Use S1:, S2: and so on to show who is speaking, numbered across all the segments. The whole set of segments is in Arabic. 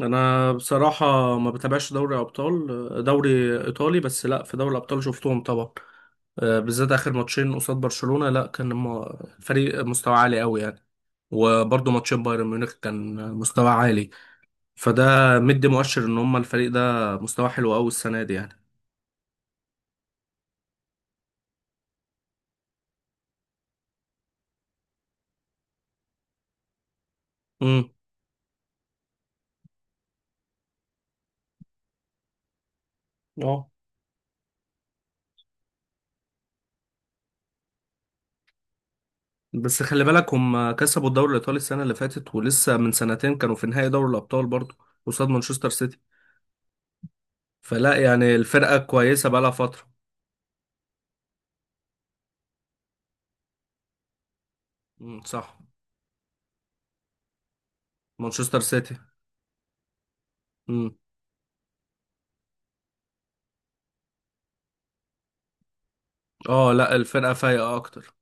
S1: انا بصراحه ما بتابعش دوري ابطال، دوري ايطالي بس. لا، في دوري الابطال شفتهم طبعا. آه، بالذات اخر ماتشين قصاد برشلونه. لا كان الفريق مستوى عالي قوي يعني. وبرضه ماتشين بايرن ميونخ كان مستوى عالي. فده مدي مؤشر ان هم الفريق ده مستوى حلو قوي السنه دي يعني. امم. اه، بس خلي بالك هم كسبوا الدوري الايطالي السنه اللي فاتت، ولسه من سنتين كانوا في نهائي دوري الابطال برضه، قصاد مانشستر سيتي. فلا يعني الفرقه كويسه بقالها فتره. امم، صح. مانشستر سيتي. مم. اه، لا، الفرقة فايقة اكتر.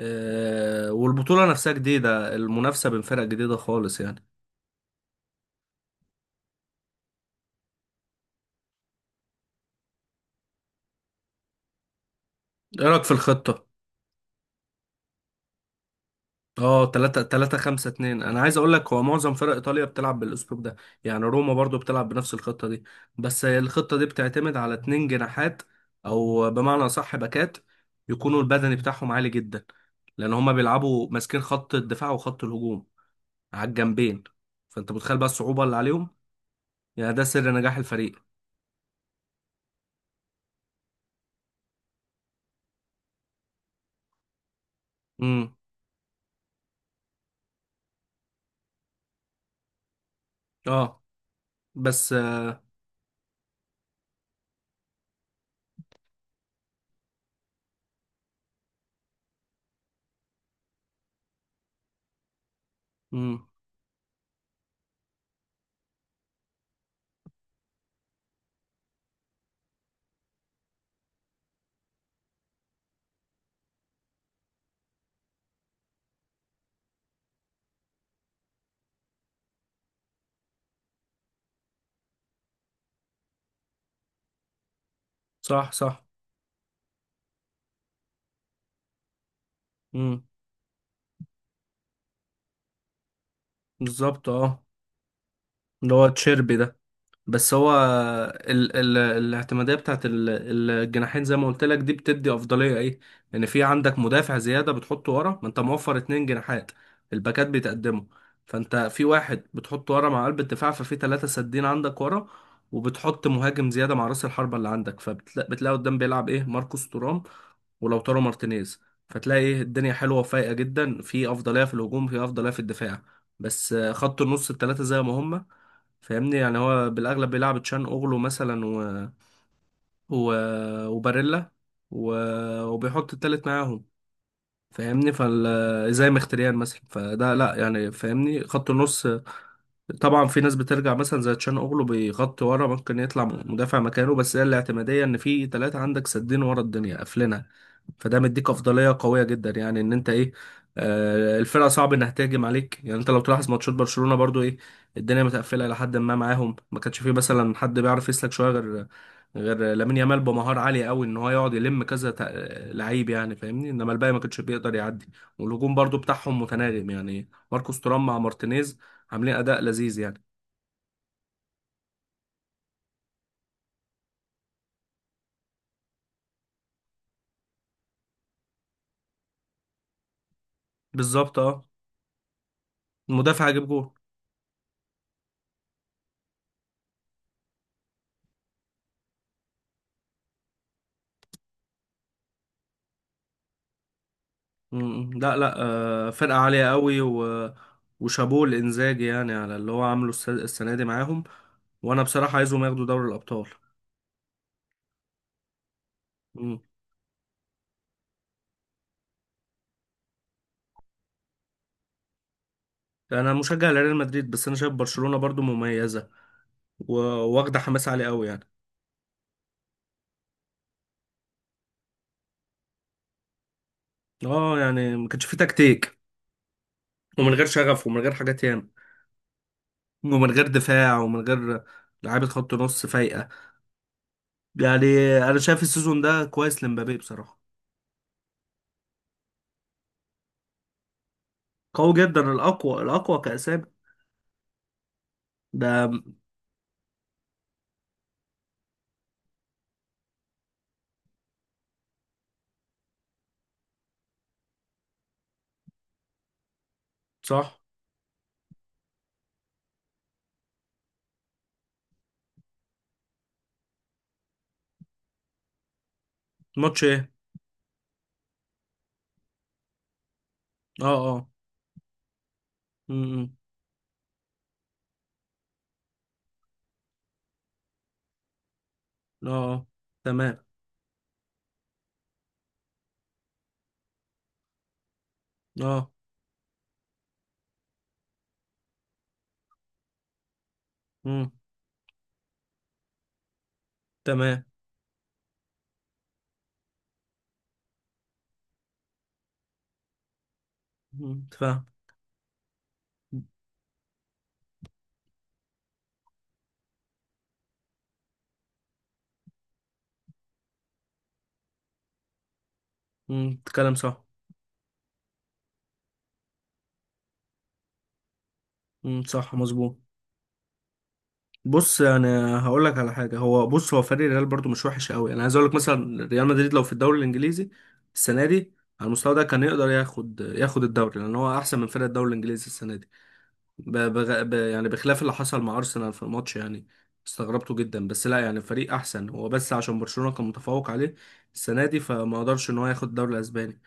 S1: آه، والبطولة نفسها جديدة، المنافسة بين فرق جديدة خالص يعني. ايه رأيك في الخطة؟ اه، 3 3 5 2. انا عايز اقول لك هو معظم فرق ايطاليا بتلعب بالاسلوب ده. يعني روما برضو بتلعب بنفس الخطة دي. بس هي الخطة دي بتعتمد على اتنين جناحات، او بمعنى اصح باكات، يكونوا البدني بتاعهم عالي جدا، لان هما بيلعبوا ماسكين خط الدفاع وخط الهجوم على الجنبين. فانت متخيل بقى الصعوبة اللي عليهم. يعني ده سر نجاح الفريق. امم. اه. بس. امم، صح صح. امم. بالظبط، اه. اللي هو تشيربي ده. بس هو ال ال الاعتمادية بتاعت الجناحين زي ما قلت لك دي بتدي أفضلية إيه؟ إن في عندك مدافع زيادة بتحطه ورا ما أنت موفر اتنين جناحات. الباكات بيتقدموا. فأنت في واحد بتحطه ورا مع قلب الدفاع، ففي تلاتة سادين عندك ورا، وبتحط مهاجم زيادة مع رأس الحربة اللي عندك، فبتلاقي قدام بيلعب إيه؟ ماركوس تورام ولوتارو مارتينيز. فتلاقي إيه؟ الدنيا حلوة وفايقة جدا، في أفضلية في الهجوم، في أفضلية في الدفاع. بس آه، خط النص التلاتة زي ما هما، فاهمني. يعني هو بالاغلب بيلعب تشان اوغلو مثلا و... وباريلا و... وبيحط التالت معاهم. فاهمني، زي مختريان مثلا. فده لا يعني. فاهمني، خط النص طبعا في ناس بترجع مثلا زي تشان اوغلو بيغطي ورا، ممكن يطلع مدافع مكانه. بس هي الاعتماديه ان في ثلاثه عندك سدين ورا، الدنيا قافلينها. فده مديك افضليه قويه جدا، يعني ان انت ايه؟ آه، الفرقه صعب انها تهاجم عليك يعني. انت لو تلاحظ ماتشات برشلونه برضو ايه؟ الدنيا متقفله لحد ما معاهم. ما كانش فيه مثلا حد بيعرف يسلك شويه غير لامين يامال بمهارة عالية قوي، ان هو يقعد يلم كذا لعيب يعني. فاهمني، انما الباقي ما كانش بيقدر يعدي. والهجوم برضو بتاعهم متناغم يعني ماركوس تورام مع مارتينيز عاملين اداء لذيذ يعني. بالظبط، اه. المدافع هيجيب جول. م- م. لا لا. آه، فرقة عالية قوي وشابوه الانزاجي يعني على اللي هو عامله السنة دي معاهم. وانا بصراحة عايزهم ياخدوا دوري الابطال. م. انا مشجع لريال مدريد، بس انا شايف برشلونة برضو مميزة و- واخدة حماس عالي قوي يعني. اه يعني ما كانش فيه تكتيك، ومن غير شغف ومن غير حاجات ياما، ومن غير دفاع ومن غير لعيبة خط نص فايقة يعني. أنا شايف السيزون ده كويس لمبابي بصراحة. قوي جدا، الأقوى الأقوى كأسامي. ده. صح. ماتش إيه؟ أه، أه. م. أه، أه. تمام. أه. م. تمام. م. فاهم. م. كلام صح. م. صح، مظبوط. بص انا هقول لك على حاجه. هو بص، هو فريق الريال برضو مش وحش قوي. انا عايز اقول لك مثلا ريال مدريد لو في الدوري الانجليزي السنه دي على المستوى ده كان يقدر ياخد الدوري، لان هو احسن من فرق الدوري الانجليزي السنه دي. يعني بخلاف اللي حصل مع ارسنال في الماتش يعني، استغربته جدا. بس لا يعني فريق احسن هو، بس عشان برشلونه كان متفوق عليه السنه دي فما قدرش ان هو ياخد الدوري الاسباني.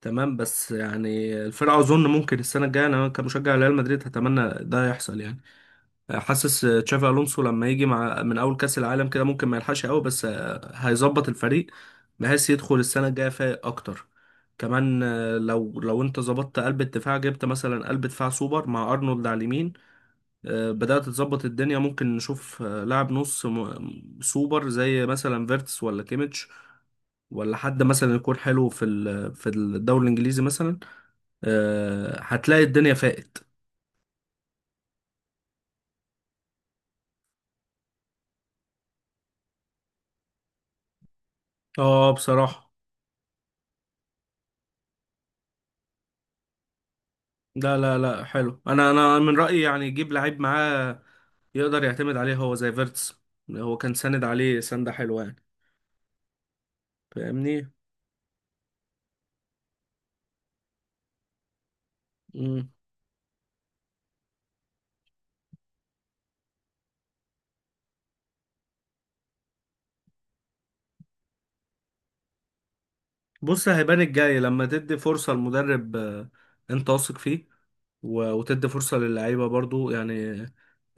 S1: تمام. بس يعني الفرقه اظن ممكن السنه الجايه، انا كمشجع ريال مدريد هتمنى ده يحصل يعني. حاسس آه، تشافي الونسو لما يجي مع من اول كاس العالم كده ممكن ما يلحقش قوي، بس آه، هيظبط الفريق بحيث يدخل السنه الجايه فايق اكتر. كمان آه، لو انت ظبطت قلب الدفاع، جبت مثلا قلب دفاع سوبر مع ارنولد على اليمين، آه، بدأت تظبط الدنيا. ممكن نشوف آه، لاعب نص سوبر زي مثلا فيرتس ولا كيميتش، ولا حد مثلا يكون حلو في الدوري الانجليزي مثلا، آه، هتلاقي الدنيا فاقت. اه بصراحة. لا لا لا، حلو. انا من رأيي يعني يجيب لعيب معاه يقدر يعتمد عليه، هو زي فيرتس. هو كان ساند عليه سندة حلوة يعني. فاهمني. مم. بص هيبان الجاي لما تدي فرصة لمدرب آه، انت واثق فيه، وتدي فرصة للعيبة برضو يعني.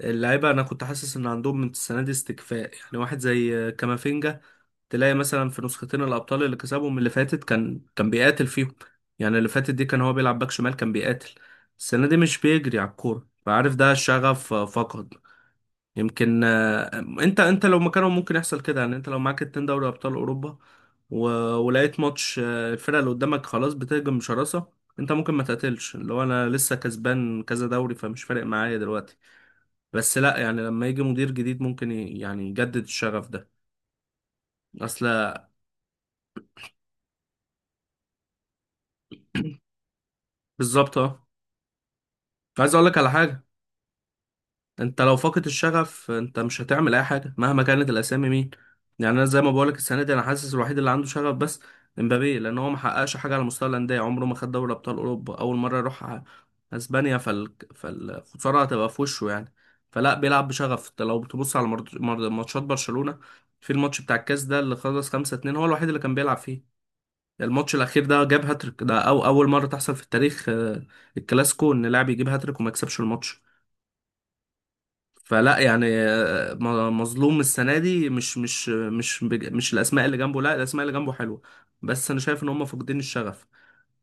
S1: اللعيبة انا كنت حاسس ان عندهم من السنة دي استكفاء، يعني واحد زي آه، كامافينجا تلاقي مثلا في نسختين الابطال اللي كسبهم اللي فاتت كان بيقاتل فيهم. يعني اللي فاتت دي كان هو بيلعب باك شمال كان بيقاتل. السنه دي مش بيجري على الكوره، فعارف ده الشغف آه، فقد. يمكن آه، انت لو مكانه ممكن يحصل كده يعني. انت لو معاك اتنين دوري ابطال اوروبا، و... ولقيت ماتش آه، الفرقه اللي قدامك خلاص بتهجم بشراسه، انت ممكن ما تقاتلش، اللي هو انا لسه كسبان كذا دوري فمش فارق معايا دلوقتي. بس لا يعني لما يجي مدير جديد ممكن يعني يجدد الشغف ده. اصل. بالظبط، اه. عايز اقول لك على حاجه. انت لو فاقد الشغف انت مش هتعمل اي حاجه مهما كانت الاسامي مين. يعني انا زي ما بقول لك السنه دي، انا حاسس الوحيد اللي عنده شغف بس امبابي، لان هو ما حققش حاجه على مستوى الانديه، عمره ما خد دوري ابطال اوروبا، اول مره يروح اسبانيا، فالخساره هتبقى في وشه يعني. فلا بيلعب بشغف. انت لو تبص على ماتشات برشلونه في الماتش بتاع الكاس ده اللي خلص 5 2، هو الوحيد اللي كان بيلعب فيه. الماتش الاخير ده جاب هاتريك، ده أو اول مره تحصل في التاريخ آه، الكلاسيكو ان لاعب يجيب هاتريك وما يكسبش الماتش. فلا يعني آه، مظلوم السنه دي، مش مش الاسماء اللي جنبه. لا، الاسماء اللي جنبه حلوه بس انا شايف ان هم فاقدين الشغف.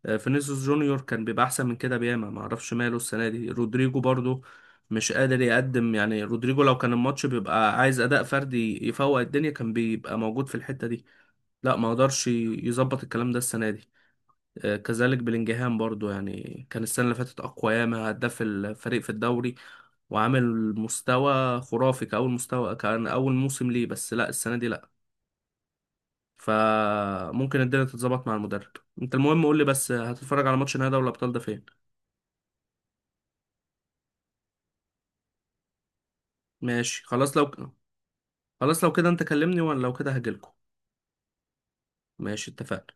S1: آه، فينيسيوس جونيور كان بيبقى احسن من كده بياما، ما اعرفش ماله السنه دي. رودريجو برضو مش قادر يقدم يعني، رودريجو لو كان الماتش بيبقى عايز اداء فردي يفوق الدنيا كان بيبقى موجود في الحته دي. لا ما قدرش يظبط الكلام ده السنه دي. آه، كذلك بلينجهام برضو يعني كان السنه اللي فاتت اقوى ياما، هداف الفريق في الدوري وعامل مستوى خرافي، كأول مستوى كان أول موسم ليه. بس لا، السنة دي لا. فممكن الدنيا تتظبط مع المدرب. انت المهم قول لي، بس هتتفرج على ماتش نهائي دوري الأبطال ده فين؟ ماشي، خلاص. خلاص لو كده انت كلمني، وانا لو كده هجيلكوا. ماشي، اتفقنا.